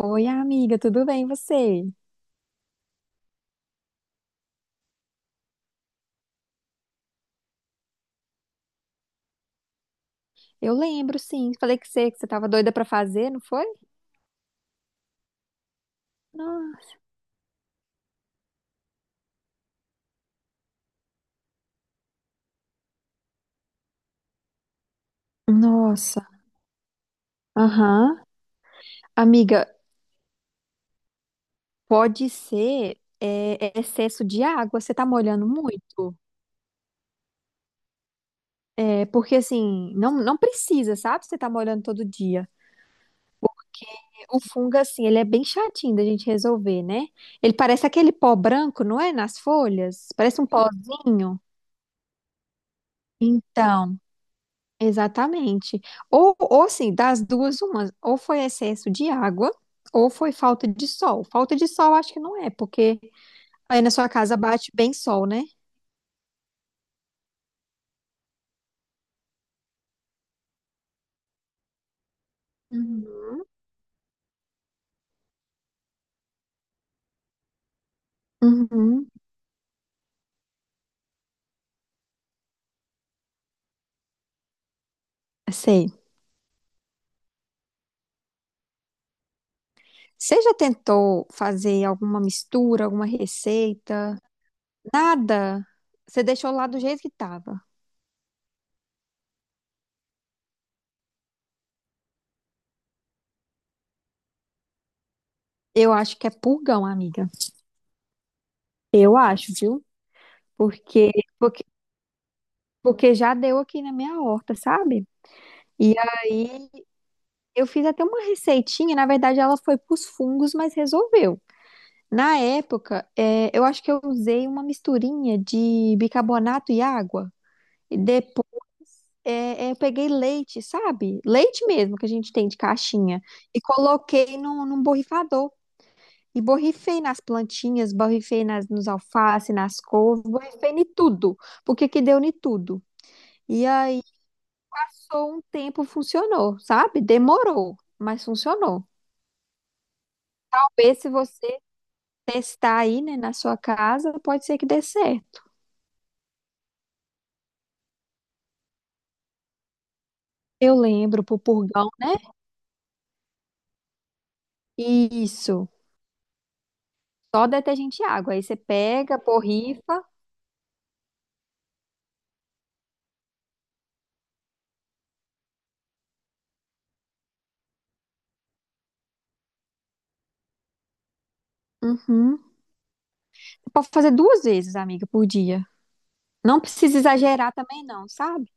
Oi, amiga, tudo bem, e você? Eu lembro, sim. Falei que você tava doida pra fazer, não foi? No- Nossa. Aham. Amiga, pode ser é excesso de água, você tá molhando muito. É, porque assim, não precisa, sabe? Você tá molhando todo dia. O fungo, assim, ele é bem chatinho da gente resolver, né? Ele parece aquele pó branco, não é? Nas folhas? Parece um pozinho. Então. Exatamente. Ou assim, das duas, uma, ou foi excesso de água, ou foi falta de sol. Falta de sol acho que não é, porque aí na sua casa bate bem sol, né? Uhum. Uhum. Sei. Você já tentou fazer alguma mistura, alguma receita? Nada. Você deixou lá do jeito que tava. Eu acho que é purgão, amiga. Eu acho, viu? Porque, porque, porque já deu aqui na minha horta, sabe? E aí, eu fiz até uma receitinha, na verdade ela foi pros fungos, mas resolveu. Na época, eu acho que eu usei uma misturinha de bicarbonato e água. E depois, eu peguei leite, sabe? Leite mesmo que a gente tem de caixinha. E coloquei num borrifador. E borrifei nas plantinhas, borrifei nas, nos alface, nas couves, borrifei em tudo. Porque que deu em tudo. E aí, passou um tempo, funcionou, sabe? Demorou, mas funcionou. Talvez se você testar aí, né, na sua casa, pode ser que dê certo. Eu lembro, pro purgão, né? Isso. Só detergente e água. Aí você pega, borrifa. Uhum. Você Pode fazer duas vezes, amiga, por dia. Não precisa exagerar também, não, sabe?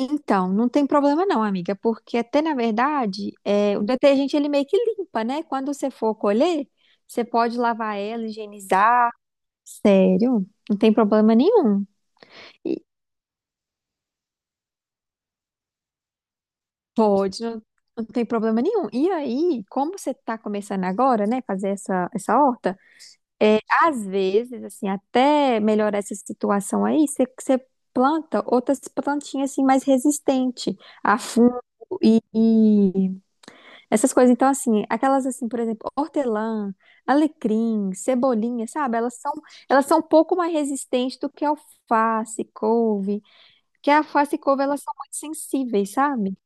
Então, não tem problema não, amiga, porque até na verdade, é, o detergente ele meio que limpa, né? Quando você for colher, você pode lavar ela, higienizar. Sério, não tem problema nenhum. Pode, não, não tem problema nenhum. E aí, como você está começando agora, né, fazer essa horta, é, às vezes, assim, até melhorar essa situação aí, você planta outras plantinhas, assim, mais resistente a fungo e essas coisas. Então, assim, aquelas, assim, por exemplo, hortelã, alecrim, cebolinha, sabe? Elas são um pouco mais resistentes do que alface, couve, porque a alface e couve, elas são muito sensíveis, sabe?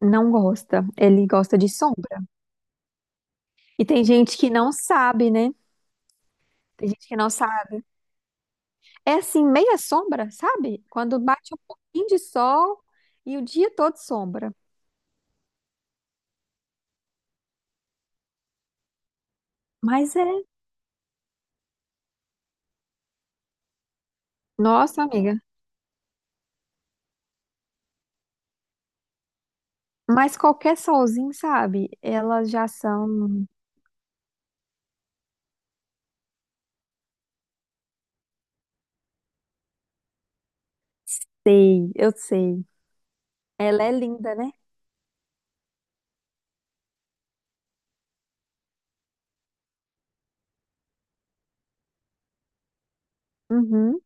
Não gosta. Ele gosta de sombra. E tem gente que não sabe, né? Tem gente que não sabe. É assim, meia sombra, sabe? Quando bate um pouquinho de sol e o dia todo sombra. Mas é. Nossa, amiga. Mas qualquer solzinho, sabe? Elas já são. Sei, eu sei. Ela é linda, né? Uhum,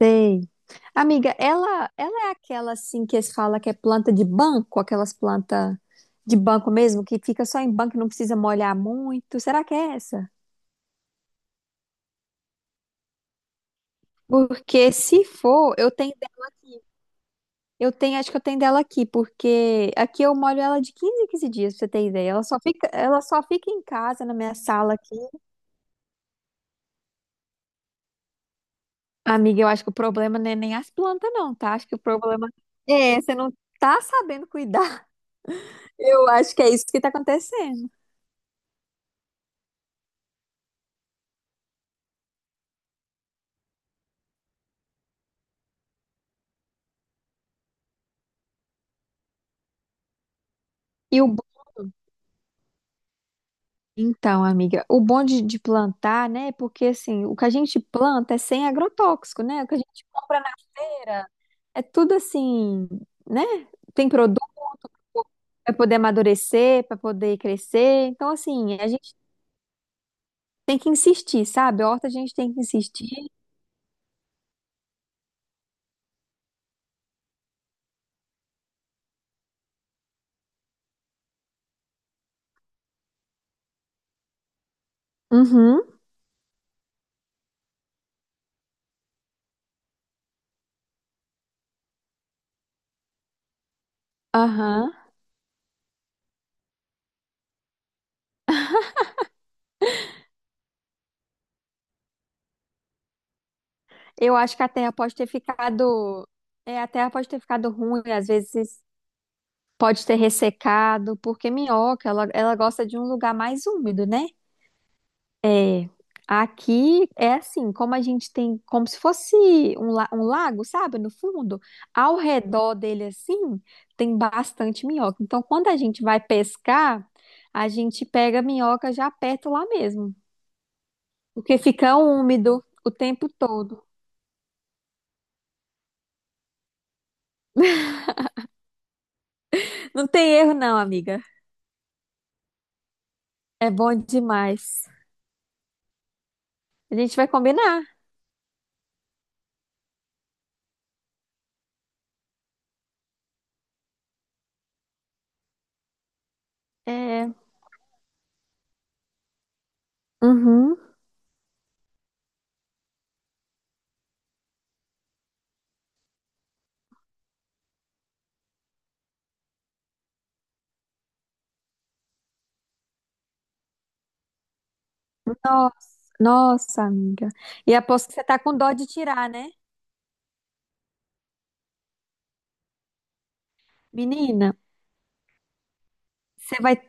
sei. Amiga, ela é aquela assim que eles falam que é planta de banco, aquelas plantas de banco mesmo, que fica só em banco e não precisa molhar muito. Será que é essa? Porque se for, eu tenho dela aqui. Eu tenho, acho que eu tenho dela aqui, porque aqui eu molho ela de 15 em 15 dias, pra você ter ideia. Ela só fica em casa, na minha sala aqui. Amiga, eu acho que o problema não é nem as plantas, não, tá? Acho que o problema é, você não tá sabendo cuidar. Eu acho que é isso que tá acontecendo. E o bo- Então, amiga, o bom de plantar, né? É porque assim, o que a gente planta é sem agrotóxico, né? O que a gente compra na feira é tudo assim, né? Tem produto para poder amadurecer, para poder crescer. Então, assim, a gente tem que insistir, sabe? A horta a gente tem que insistir. Uhum, aham. Eu acho que a terra pode ter ficado. É, a terra pode ter ficado ruim, às vezes pode ter ressecado, porque minhoca, ela gosta de um lugar mais úmido, né? É, aqui é assim, como a gente tem, como se fosse um lago, sabe, no fundo, ao redor dele assim, tem bastante minhoca. Então, quando a gente vai pescar, a gente pega a minhoca já perto lá mesmo, porque fica úmido o tempo todo. Não tem erro não, amiga. É bom demais. A gente vai combinar. É. Uhum. Nossa, nossa, amiga. E aposto que você tá com dó de tirar, né? Menina, você vai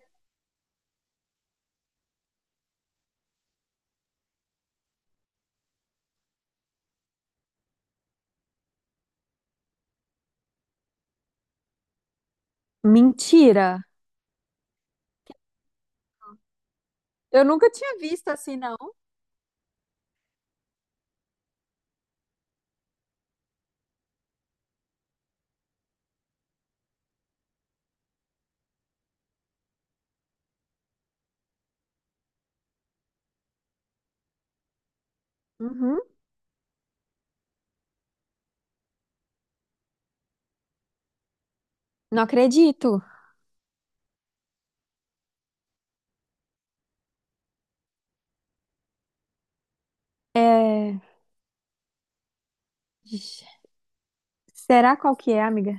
Mentira. Eu nunca tinha visto assim, não. Uhum. Não acredito. É... Ixi. Será qual que é, amiga?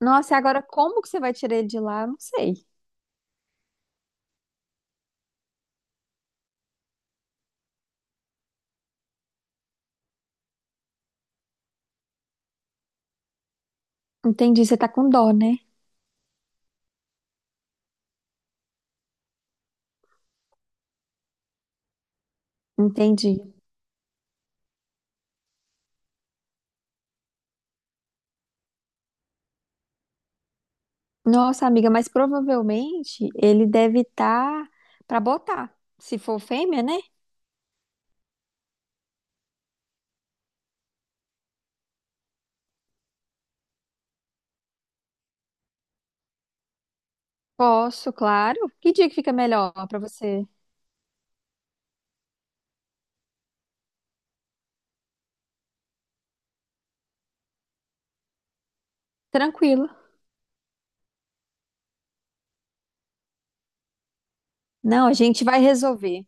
Nossa, e agora como que você vai tirar ele de lá? Eu não sei. Entendi, você tá com dó, né? Entendi. Nossa, amiga, mas provavelmente ele deve estar tá para botar. Se for fêmea, né? Posso, claro. Que dia que fica melhor pra você? Tranquilo. Não, a gente vai resolver.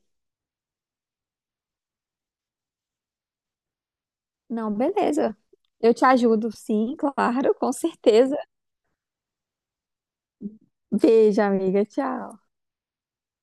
Não, beleza. Eu te ajudo, sim, claro, com certeza. Beijo, amiga. Tchau.